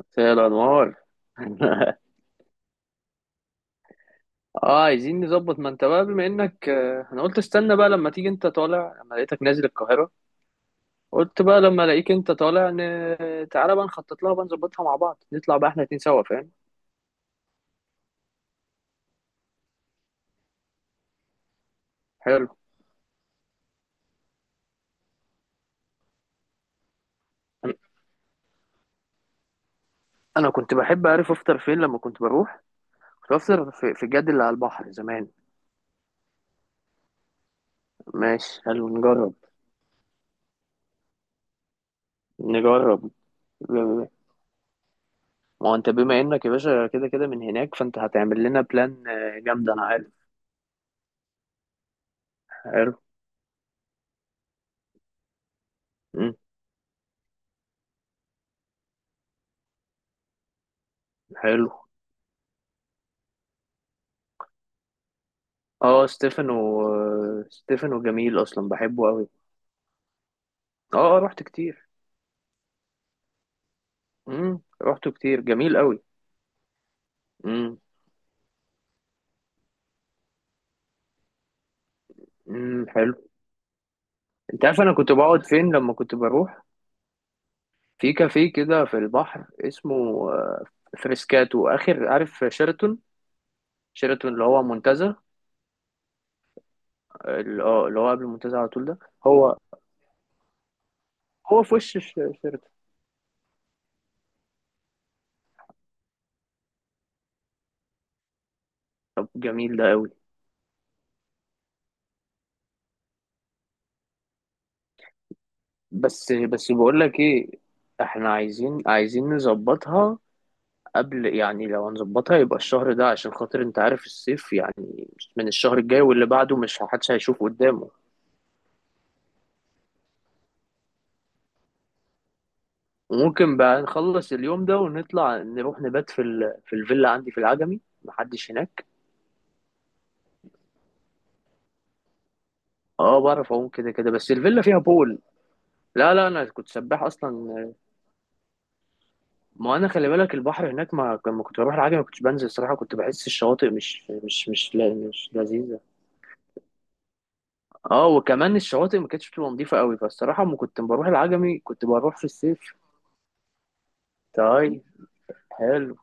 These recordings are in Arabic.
مساء الانوار. اه، عايزين نظبط. ما انت بقى بما انك انا قلت استنى بقى لما تيجي انت طالع، لما لقيتك نازل القاهره. قلت بقى لما الاقيك انت طالع تعالى بقى نخطط لها بقى، نظبطها مع بعض، نطلع بقى احنا اتنين سوا، فاهم؟ حلو. انا أنا كنت بحب اعرف افطر فين لما كنت بروح. كنت بفطر في الجد اللي على البحر زمان. ماشي، حلو نجرب. نجرب. ما هو انت بما انك يا باشا كده كده من هناك، فانت هتعمل لنا بلان جامده، انا عارف. حلو. مم. حلو. اه، ستيفانو ستيفانو جميل اصلا، بحبه قوي. اه رحت كتير. رحته كتير، جميل قوي. امم. امم، حلو. انت عارف انا كنت بقعد فين لما كنت بروح؟ في كافيه كده في البحر اسمه آه، فريسكاتو، اخر عارف شيراتون. شيراتون اللي هو منتزه. اللي هو قبل المنتزه على طول ده. هو هو في وش شيراتون. طب جميل ده قوي. بس بقول لك ايه، احنا عايزين نظبطها قبل، يعني لو هنظبطها يبقى الشهر ده، عشان خاطر انت عارف الصيف يعني. من الشهر الجاي واللي بعده مش محدش هيشوف قدامه. وممكن بقى نخلص اليوم ده ونطلع نروح نبات في الفيلا عندي في العجمي، محدش هناك. اه بعرف اعوم كده كده، بس الفيلا فيها بول. لا لا، انا كنت سباح اصلا. ما انا خلي بالك البحر هناك، ما لما كنت بروح العجمي ما كنتش بنزل الصراحه، كنت بحس الشواطئ مش مش مش لا مش لذيذه. اه، وكمان الشواطئ ما كانتش بتبقى نظيفه قوي، فالصراحه لما كنت بروح العجمي كنت بروح في الصيف. طيب، حلو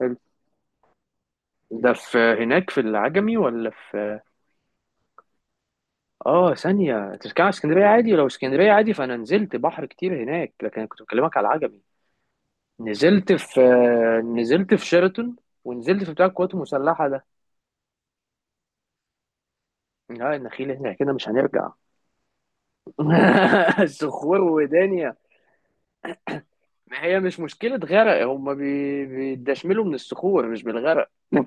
حلو. ده في هناك في العجمي ولا في؟ اه، ثانية تركب على اسكندرية عادي، لو اسكندرية عادي فأنا نزلت بحر كتير هناك، لكن أنا كنت بكلمك على العجمي. نزلت في نزلت في شيراتون، ونزلت في بتاع القوات المسلحة ده. لا، النخيل هنا كده مش هنرجع. الصخور ودنيا. ما هي مش مشكلة غرق، هما بيدشملوا من الصخور مش بالغرق.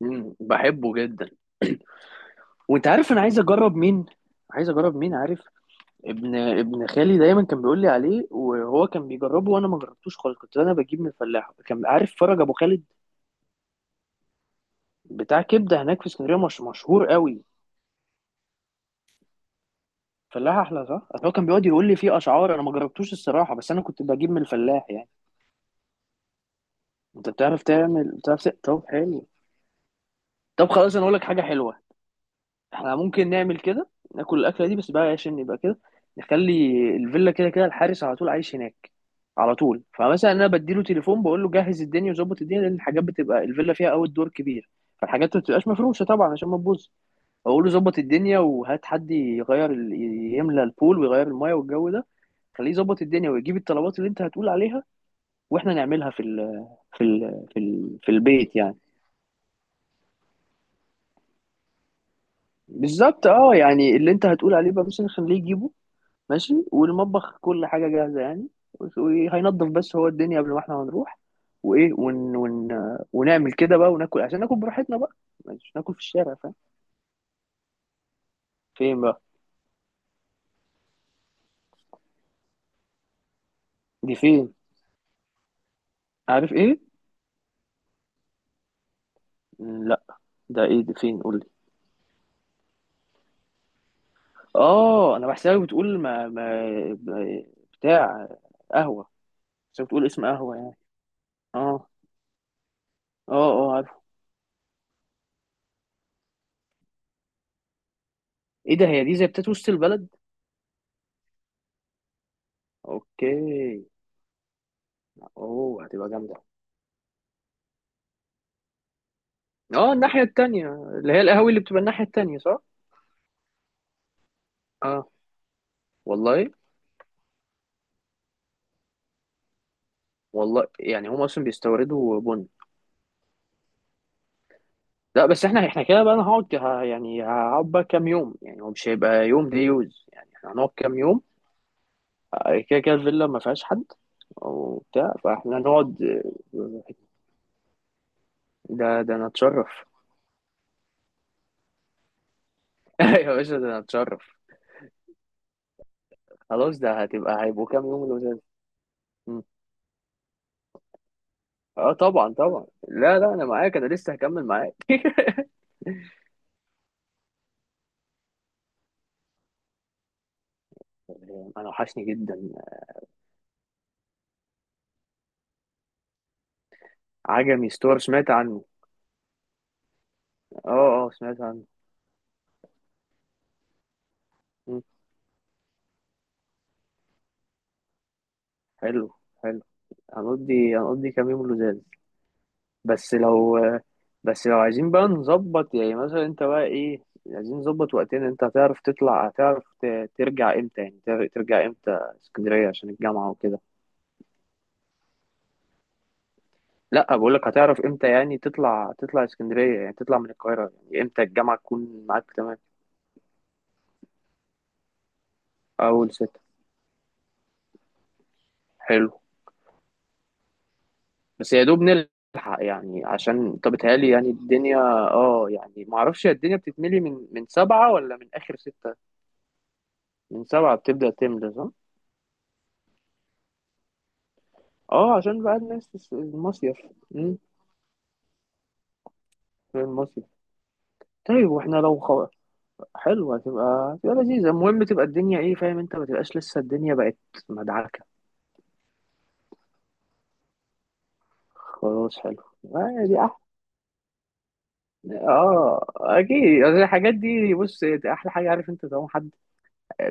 بحبه جدا. وانت عارف انا عايز اجرب مين. عايز اجرب مين، عارف؟ ابن خالي دايما كان بيقول لي عليه، وهو كان بيجربه وانا ما جربتوش خالص، كنت انا بجيب من فلاح كان عارف، فرج ابو خالد. بتاع كبده هناك في اسكندريه، مش مشهور قوي. فلاح احلى صح، أصل هو كان بيقعد يقول لي فيه اشعار، انا ما جربتوش الصراحه، بس انا كنت بجيب من الفلاح يعني. انت بتعرف تعمل، بتعرف طب، حلو. طب خلاص، انا اقول لك حاجه حلوه. احنا ممكن نعمل كده. ناكل الاكله دي بس بقى عشان نبقى كده. نخلي الفيلا، كده كده الحارس على طول عايش هناك على طول. فمثلا انا بديله تليفون، بقول له جهز الدنيا وظبط الدنيا، لان الحاجات بتبقى الفيلا فيها اول دور كبير، فالحاجات ما بتبقاش مفروشه طبعا عشان ما تبوظ. اقول له ظبط الدنيا وهات حد يغير يملى البول ويغير المايه والجو ده. خليه يظبط الدنيا ويجيب الطلبات اللي انت هتقول عليها، واحنا نعملها في البيت يعني. بالظبط، اه. يعني اللي انت هتقول عليه بقى مثلا خليه يجيبه. ماشي، والمطبخ كل حاجة جاهزة يعني. وهينضف بس هو الدنيا قبل ما احنا هنروح. وايه ون ون ونعمل كده بقى وناكل، عشان ناكل براحتنا بقى، مش ناكل في الشارع، فاهم؟ فين بقى؟ دي فين؟ عارف ايه؟ لا، ده ايه؟ دي فين قول لي. اه، انا بحسها بتقول ما- بتاع قهوة. بس بتقول اسم قهوة يعني. اه. اه، اه عارف. ايه ده؟ هي دي زي بتاعت وسط البلد. اوكي. اوه، هتبقى جامدة. اه، الناحية التانية، اللي هي القهوة اللي بتبقى الناحية التانية، صح. اه. والله. والله، يعني هم اصلا بيستوردوا بن. لا، بس احنا كده بقى، انا هقعد يعني هقعد بقى كام يوم، يعني هو مش هيبقى يوم دي يوز يعني، احنا هنقعد كام يوم. كده كده الفيلا ما فيهاش حد وبتاع، فاحنا نقعد. ده انا اتشرف. يا باشا، ده انا اتشرف. خلاص، ده هتبقى هيبقوا كام يوم لوزات. مم. اه طبعا طبعا، لا لا، انا معاك، انا لسه هكمل معاك. انا وحشني جدا. عجمي ستور، سمعت عنه. اه اه، سمعت عنه. مم. حلو حلو. هنقضي كام يوم لزاز. بس لو بس لو عايزين بقى نظبط، يعني مثلا انت بقى ايه. عايزين نظبط وقتين، انت هتعرف تطلع، هتعرف ترجع امتى، يعني ترجع امتى اسكندرية عشان الجامعة وكده. لا بقول لك هتعرف امتى، يعني تطلع اسكندرية، يعني تطلع من القاهرة يعني امتى الجامعة تكون معاك، تمام. اول ستة. حلو. بس يا دوب نلحق يعني، عشان طب بيتهيألي يعني الدنيا. اه، يعني معرفش هي الدنيا بتتملي من سبعة ولا من آخر ستة. من سبعة بتبدأ تملى، صح؟ اه، عشان بقى الناس المصيف. مم، في المصيف. طيب واحنا لو حلوة، هتبقى لذيذة. المهم تبقى الدنيا، ايه فاهم، انت ما تبقاش لسه الدنيا بقت مدعكة. خلاص، حلو آه، دي احلى. اه اكيد، يعني الحاجات دي بص. احلى حاجة عارف انت، طالما حد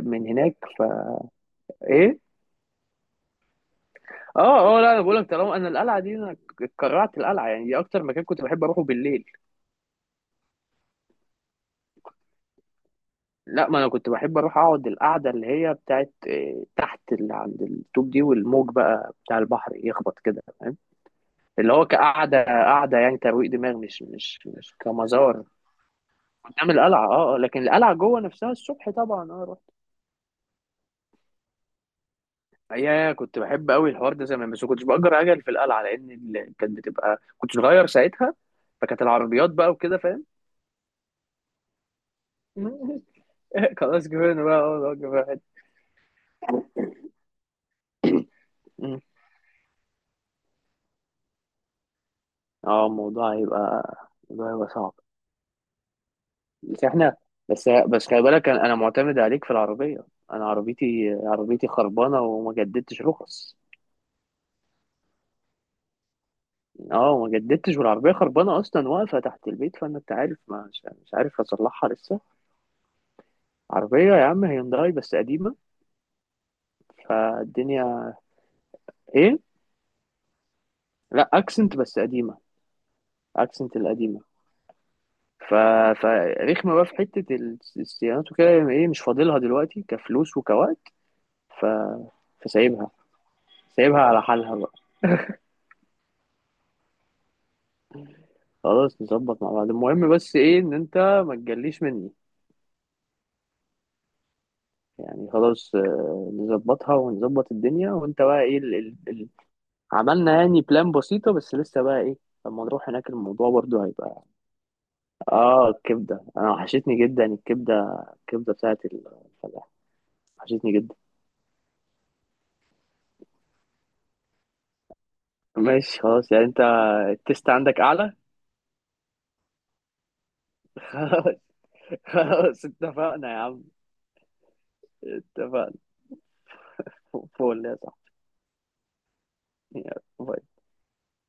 من هناك ايه. اه اه، لا، انا بقول لك طالما انا القلعة دي، انا اتكرعت القلعة يعني، دي اكتر مكان كنت بحب اروحه بالليل. لا ما انا كنت بحب اروح اقعد القعده اللي هي بتاعت تحت، اللي عند الطوب دي، والموج بقى بتاع البحر يخبط كده، فاهم، اللي هو كقعده قعده يعني ترويق دماغ، مش كمزار. قدام القلعه، اه لكن القلعه جوه نفسها الصبح طبعا، اه رحت. يا كنت بحب قوي الحوار ده زمان، بس ما كنتش باجر عجل في القلعه لان كانت بتبقى، كنت صغير ساعتها، فكانت العربيات بقى وكده فاهم. خلاص كبرنا بقى، اه كفايه حتة. اه، الموضوع هيبقى صعب. بس احنا. بس خلي بالك انا، معتمد عليك في العربيه. انا عربيتي خربانه وما جددتش رخص. اه وما جددتش والعربيه خربانه اصلا واقفه تحت البيت، فانا انت عارف ما مش عارف اصلحها لسه. عربيه يا عم هيونداي بس قديمه. فالدنيا. ايه. لا، اكسنت بس قديمه. اكسنت القديمه. ف... فرخمه بقى في حته الصيانات وكده، ايه مش فاضلها دلوقتي كفلوس وكوقت. ف... فسايبها. سايبها على حالها بقى. خلاص نظبط مع بعض، المهم بس ايه ان انت ما تجليش مني. يعني خلاص، نظبطها ونظبط الدنيا. وانت بقى ايه عملنا يعني بلان بسيطة، بس لسه بقى ايه، لما نروح هناك الموضوع برضو هيبقى. اه الكبدة انا وحشتني جدا الكبدة. الكبدة بتاعت الفلاح. وحشتني جدا. ماشي خلاص، يعني انت التست عندك اعلى. خلاص. خلاص اتفقنا يا عم. اتفقنا. فول يا صاحبي. يلا.